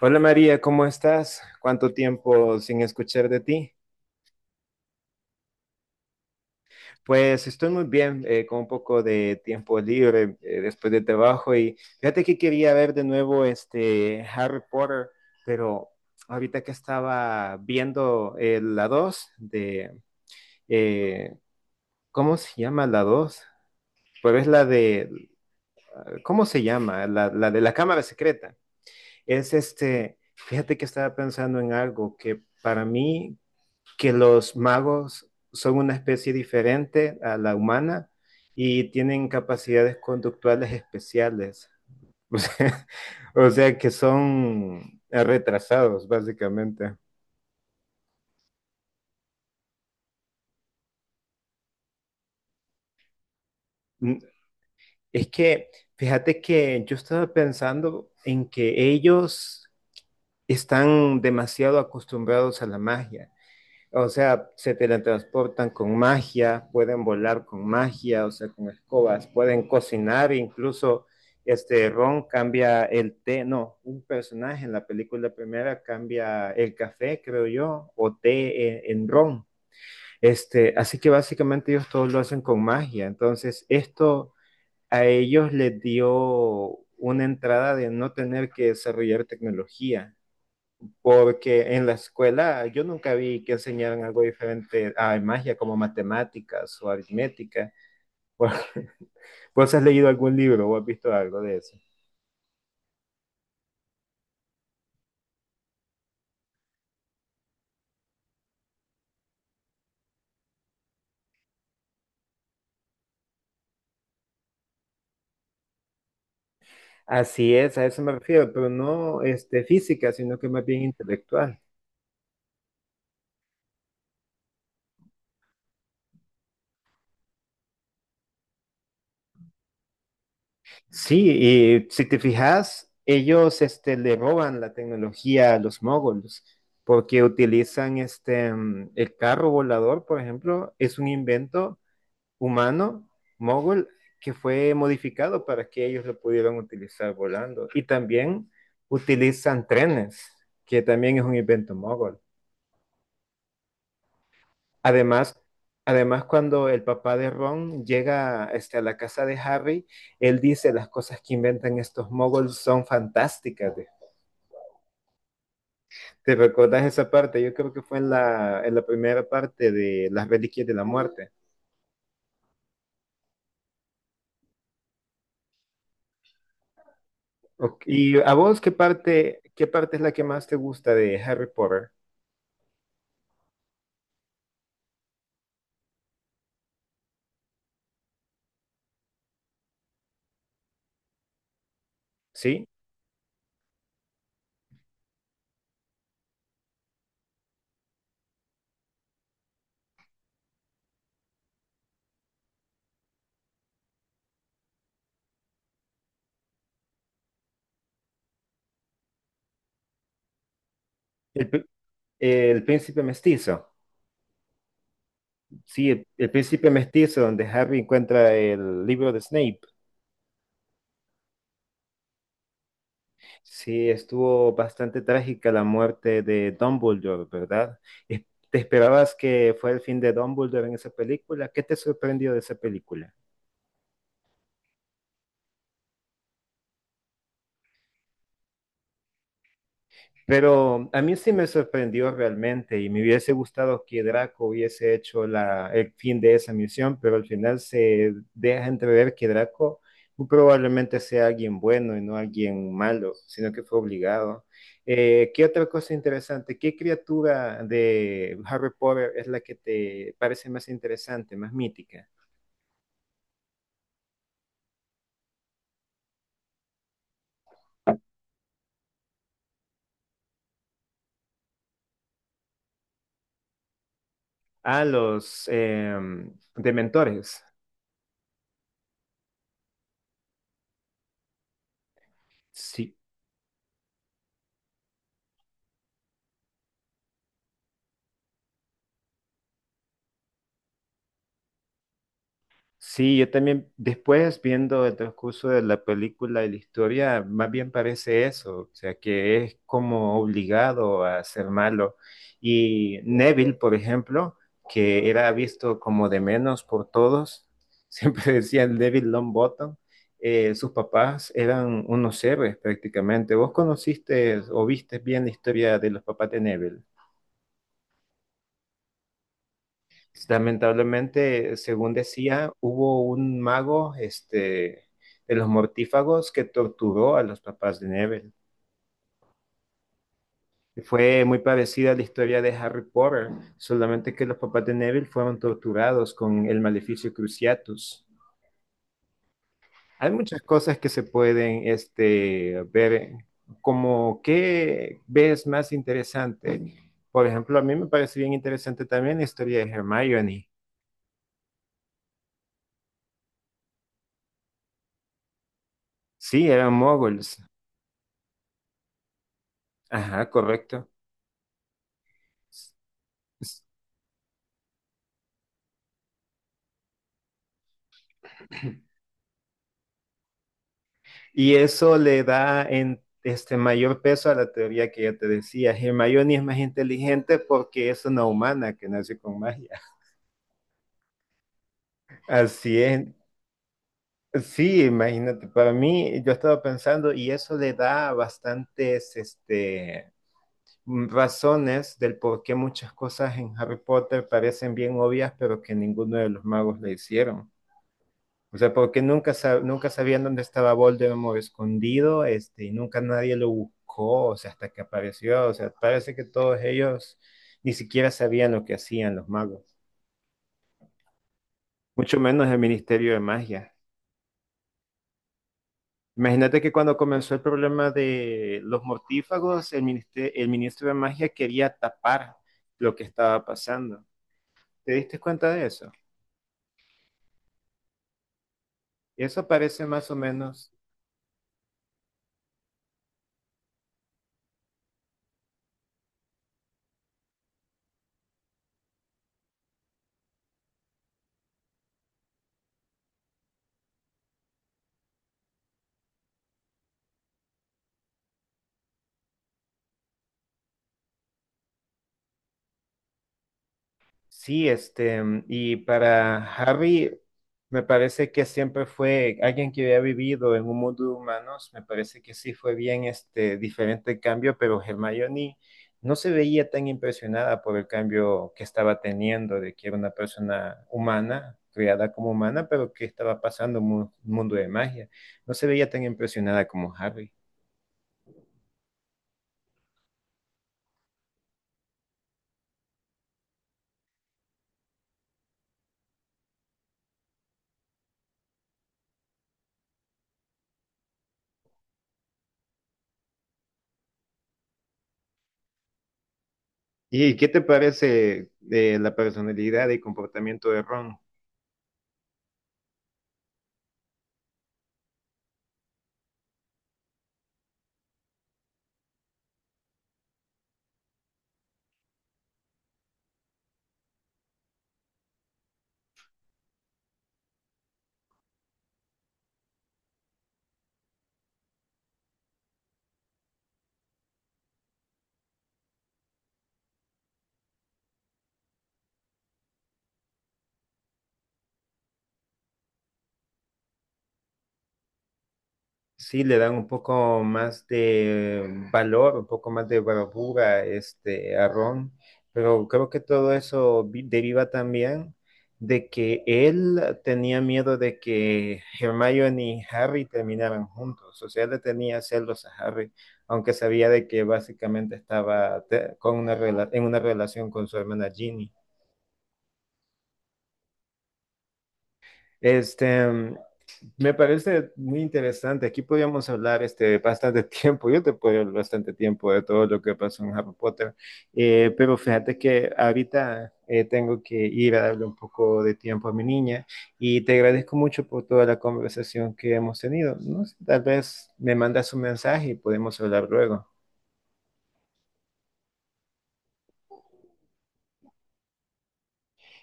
Hola María, ¿cómo estás? ¿Cuánto tiempo sin escuchar de ti? Pues estoy muy bien, con un poco de tiempo libre después de trabajo y fíjate que quería ver de nuevo este Harry Potter, pero ahorita que estaba viendo la 2 de, eh, ¿cómo se llama la dos? Pues es la de, ¿cómo se llama? La de la cámara secreta. Es este, fíjate que estaba pensando en algo, que para mí que los magos son una especie diferente a la humana y tienen capacidades conductuales especiales. O sea, o sea que son retrasados, básicamente. Mm. Es que, fíjate que yo estaba pensando en que ellos están demasiado acostumbrados a la magia. O sea, se teletransportan con magia, pueden volar con magia, o sea, con escobas, pueden cocinar, incluso este Ron cambia el té, no, un personaje en la película primera cambia el café, creo yo, o té en Ron. Este, así que básicamente ellos todos lo hacen con magia. Entonces, esto a ellos les dio una entrada de no tener que desarrollar tecnología. Porque en la escuela yo nunca vi que enseñaran algo diferente a magia como matemáticas o aritmética. ¿Vos vos has leído algún libro o has visto algo de eso? Así es, a eso me refiero, pero no este, física, sino que más bien intelectual. Sí, y si te fijas, ellos este, le roban la tecnología a los moguls, porque utilizan este, el carro volador, por ejemplo, es un invento humano, mogul, que fue modificado para que ellos lo pudieran utilizar volando. Y también utilizan trenes, que también es un invento mogol. Además, además cuando el papá de Ron llega este, a la casa de Harry, él dice las cosas que inventan estos mogols son fantásticas. ¿Te recuerdas esa parte? Yo creo que fue en la primera parte de Las Reliquias de la Muerte. Ok, ¿y a vos qué parte es la que más te gusta de Harry Potter? ¿Sí? El, el príncipe mestizo. Sí, el príncipe mestizo, donde Harry encuentra el libro de Snape. Sí, estuvo bastante trágica la muerte de Dumbledore, ¿verdad? Es- ¿Te esperabas que fuera el fin de Dumbledore en esa película? ¿Qué te sorprendió de esa película? Pero a mí sí me sorprendió realmente y me hubiese gustado que Draco hubiese hecho la, el fin de esa misión, pero al final se deja entrever que Draco muy probablemente sea alguien bueno y no alguien malo, sino que fue obligado. ¿Qué otra cosa interesante? ¿Qué criatura de Harry Potter es la que te parece más interesante, más mítica? A los dementores. Sí, sí, yo también, después viendo el transcurso de la película y la historia, más bien parece eso, o sea, que es como obligado a ser malo. Y Neville, por ejemplo, que era visto como de menos por todos, siempre decían Neville Longbottom, sus papás eran unos héroes prácticamente. ¿Vos conociste o viste bien la historia de los papás de Neville? Pues, lamentablemente, según decía, hubo un mago, este, de los mortífagos que torturó a los papás de Neville. Fue muy parecida a la historia de Harry Potter, solamente que los papás de Neville fueron torturados con el maleficio Cruciatus. Hay muchas cosas que se pueden, este, ver, como qué ves más interesante. Por ejemplo, a mí me parece bien interesante también la historia de Hermione. Sí, eran muggles. Ajá, correcto. Pues, y eso le da en este mayor peso a la teoría que ya te decía. Hermione es más inteligente porque es una humana que nace con magia. Así es. Sí, imagínate, para mí yo estaba pensando y eso le da bastantes este, razones del por qué muchas cosas en Harry Potter parecen bien obvias, pero que ninguno de los magos le hicieron. O sea, porque nunca, nunca sabían dónde estaba Voldemort escondido, este, y nunca nadie lo buscó, o sea, hasta que apareció. O sea, parece que todos ellos ni siquiera sabían lo que hacían los magos, mucho menos el Ministerio de Magia. Imagínate que cuando comenzó el problema de los mortífagos, el, el ministro de Magia quería tapar lo que estaba pasando. ¿Te diste cuenta de eso? Eso parece más o menos. Sí, este, y para Harry, me parece que siempre fue alguien que había vivido en un mundo de humanos, me parece que sí fue bien este diferente el cambio, pero Hermione no se veía tan impresionada por el cambio que estaba teniendo, de que era una persona humana, criada como humana, pero que estaba pasando en un mundo de magia. No se veía tan impresionada como Harry. ¿Y qué te parece de la personalidad y comportamiento de Ron? Sí le dan un poco más de valor, un poco más de bravura este, a Ron, pero creo que todo eso deriva también de que él tenía miedo de que Hermione y Harry terminaran juntos, o sea, él le tenía celos a Harry, aunque sabía de que básicamente estaba con una en una relación con su hermana Ginny. Este, me parece muy interesante. Aquí podríamos hablar este, bastante tiempo. Yo te puedo hablar bastante tiempo de todo lo que pasó en Harry Potter. Pero fíjate que ahorita tengo que ir a darle un poco de tiempo a mi niña y te agradezco mucho por toda la conversación que hemos tenido. No sé, tal vez me mandas un mensaje y podemos hablar luego.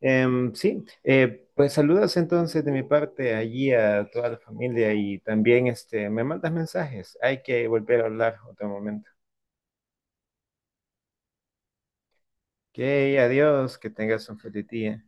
Em, sí, pues saludos entonces de mi parte allí a toda la familia y también este, me mandas mensajes. Hay que volver a hablar otro momento. Ok, adiós, que tengas un feliz día.